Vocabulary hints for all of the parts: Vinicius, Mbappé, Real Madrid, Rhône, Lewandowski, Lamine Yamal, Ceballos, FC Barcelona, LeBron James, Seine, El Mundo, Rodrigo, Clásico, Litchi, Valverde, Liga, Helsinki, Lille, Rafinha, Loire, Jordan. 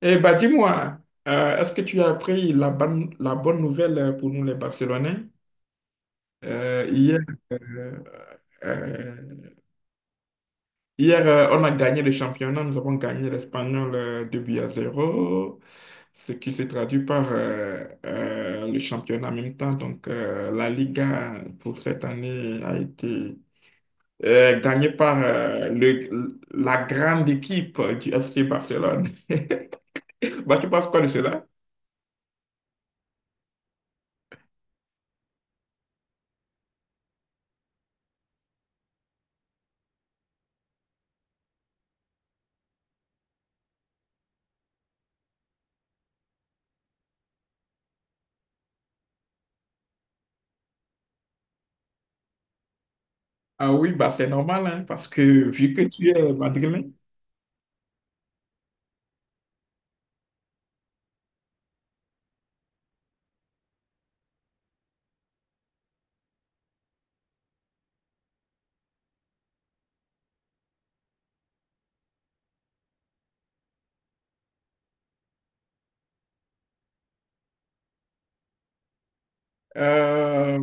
Eh bien, dis-moi, est-ce que tu as appris la bonne nouvelle pour nous les Barcelonais? Hier, euh, euh, hier on a gagné le championnat, nous avons gagné l'Espagnol 2 buts à zéro, ce qui se traduit par le championnat en même temps. Donc, la Liga pour cette année a été gagnée par le, la grande équipe du FC Barcelone. Bah, tu penses quoi de cela? Ah oui, bah c'est normal, hein, parce que vu que tu es madrilène, euh,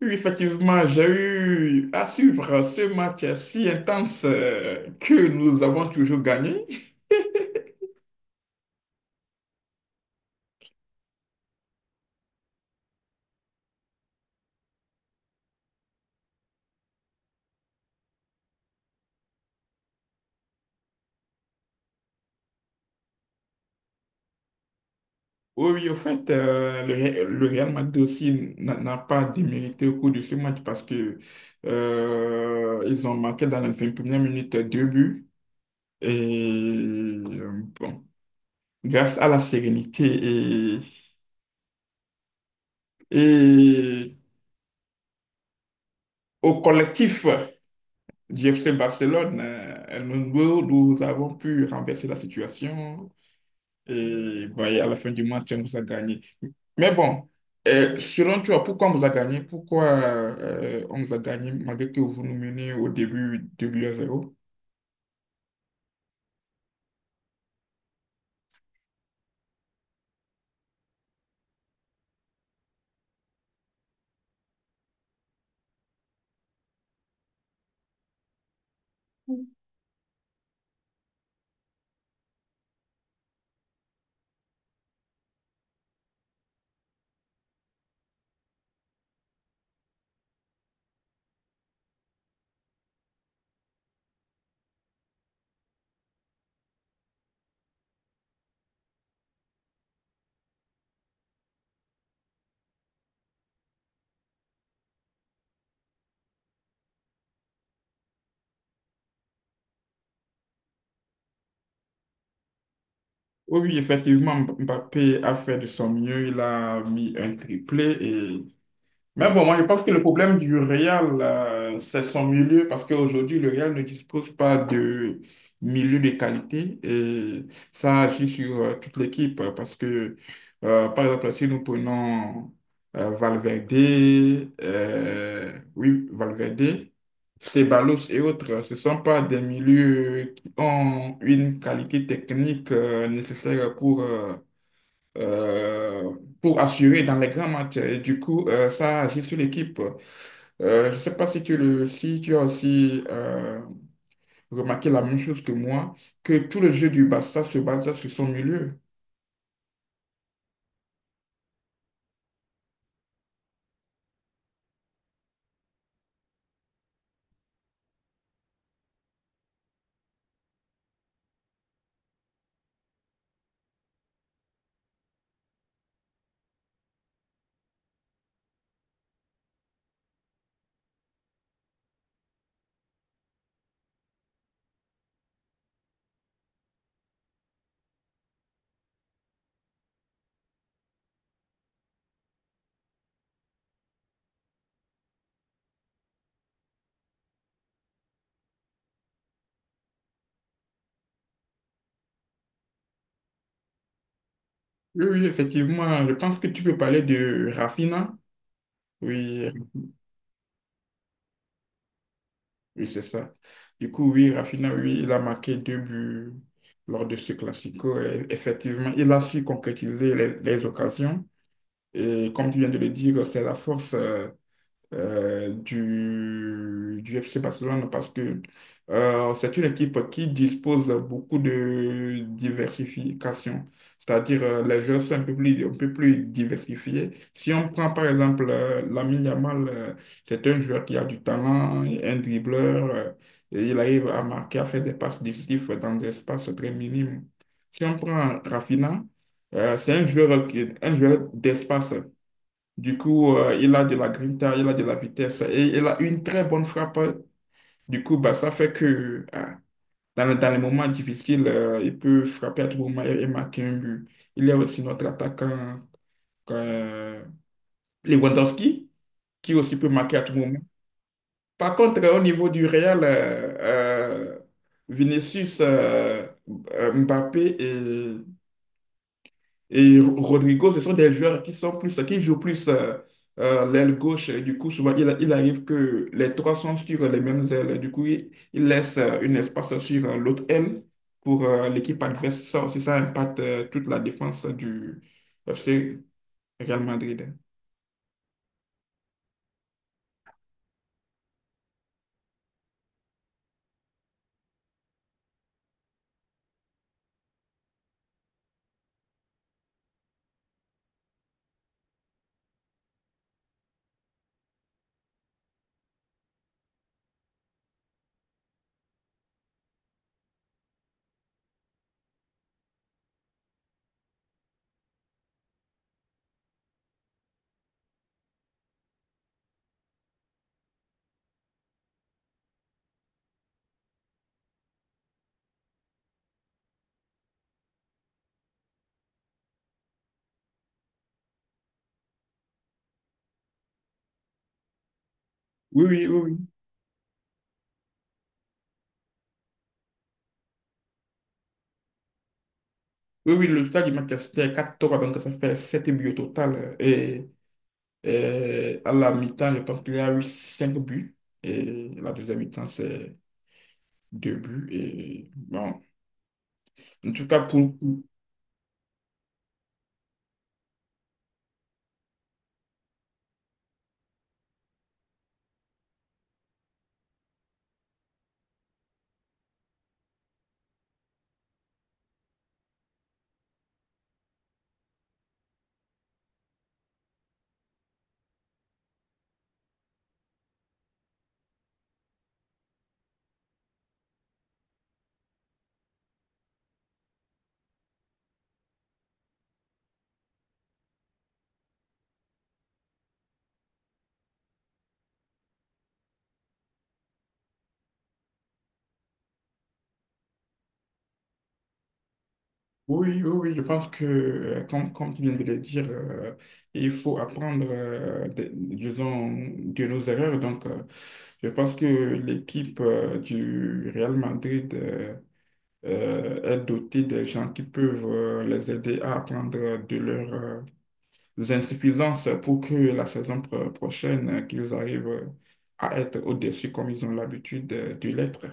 oui, effectivement, j'ai eu à suivre ce match si intense que nous avons toujours gagné. Oui, oui, au fait, le, le Real Madrid aussi n'a pas démérité au cours de ce match, parce que ils ont marqué dans la 21e minute deux buts. Et bon, grâce à la sérénité et, et au collectif du FC Barcelone, El Mundo, nous avons pu renverser la situation, et, bah, et à la fin du match, on vous a gagné. Mais bon, selon toi, pourquoi on vous a gagné? Pourquoi on vous a gagné malgré que vous nous menez au début 2 buts à zéro? Oui, oui, effectivement, Mbappé a fait de son mieux. Il a mis un triplé et, mais bon, moi, je pense que le problème du Real, c'est son milieu, parce qu'aujourd'hui, le Real ne dispose pas de milieu de qualité, et ça agit sur toute l'équipe. Parce que, par exemple, si nous prenons Valverde, oui, Valverde, Ceballos et autres, ce ne sont pas des milieux qui ont une qualité technique nécessaire euh, pour assurer dans les grands matchs. Et du coup, ça agit sur l'équipe. Je ne sais pas si tu as aussi remarqué la même chose que moi, que tout le jeu du Barça se base sur son milieu. Oui, oui, effectivement, je pense que tu peux parler de Rafinha. Oui, oui, c'est ça. Du coup, oui, Rafinha, oui, il a marqué deux buts lors de ce Classico. Et effectivement, il a su concrétiser les occasions. Et comme tu viens de le dire, c'est la force du FC Barcelone, parce que c'est une équipe qui dispose beaucoup de diversification. C'est-à-dire, les joueurs sont un peu plus diversifiés. Si on prend par exemple Lamine Yamal, c'est un joueur qui a du talent, un dribbleur, et il arrive à marquer, à faire des passes décisives dans des espaces très minimes. Si on prend Rafinha, c'est un joueur, un joueur d'espace. Du coup, il a de la grinta, il a de la vitesse et il a une très bonne frappe. Du coup, bah, ça fait que ah, dans, dans les moments difficiles, il peut frapper à tout moment, et marquer un but. Il y a aussi notre attaquant euh, Lewandowski, qui aussi peut marquer à tout moment. Par contre, au niveau du Real, Vinicius, Mbappé et Rodrigo, ce sont des joueurs qui sont plus, qui jouent plus l'aile gauche. Et du coup, souvent, il arrive que les trois sont sur les mêmes ailes. Et du coup, il laisse un espace sur l'autre aile pour l'équipe adverse. Ça aussi, ça impacte toute la défense du FC Real Madrid. Oui, oui, oui, oui. Oui, oui, le total du match, c'était quatre 3, donc ça fait 7 buts au total. Et à la mi-temps, je pense qu'il y a eu 5 buts. Et la deuxième mi-temps, c'est 2 buts. Et bon, en tout cas, oui, oui, oui, je pense que, comme tu viens de le dire, il faut apprendre, de, disons, de nos erreurs. Donc, je pense que l'équipe, du Real Madrid, est dotée de gens qui peuvent, les aider à apprendre de leurs, insuffisances, pour que la saison prochaine, qu'ils arrivent à être au-dessus, comme ils ont l'habitude de l'être.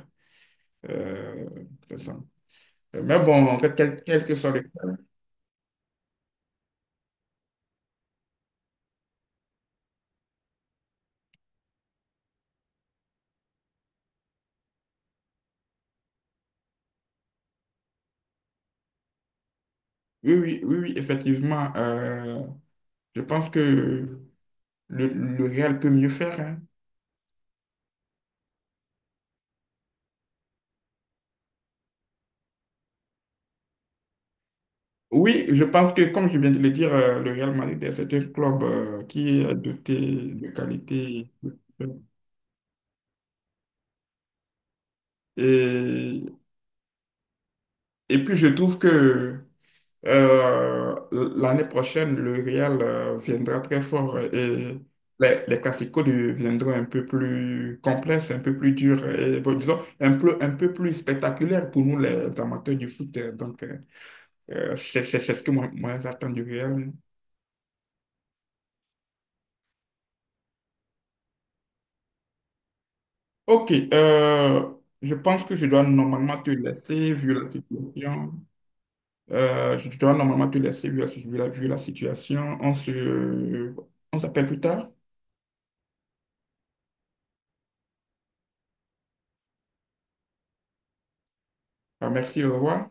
Euh, c'est ça. Mais bon, quel que soit le cas. Oui, oui, oui, oui, effectivement. Je pense que le Real peut mieux faire, hein. Oui, je pense que, comme je viens de le dire, le Real Madrid, c'est un club qui est doté de qualité. Et, et puis, je trouve que l'année prochaine, le Real viendra très fort, et les Clasico deviendront un peu plus complexes, un peu plus durs et, bon, disons un peu plus spectaculaires pour nous les amateurs du foot. Donc, c'est c'est ce que j'attends du Real. Ok, je pense que je dois normalement te laisser, vu la situation. Je dois normalement te laisser, vu la, vu la situation. On s'appelle plus tard. Ah, merci, au revoir.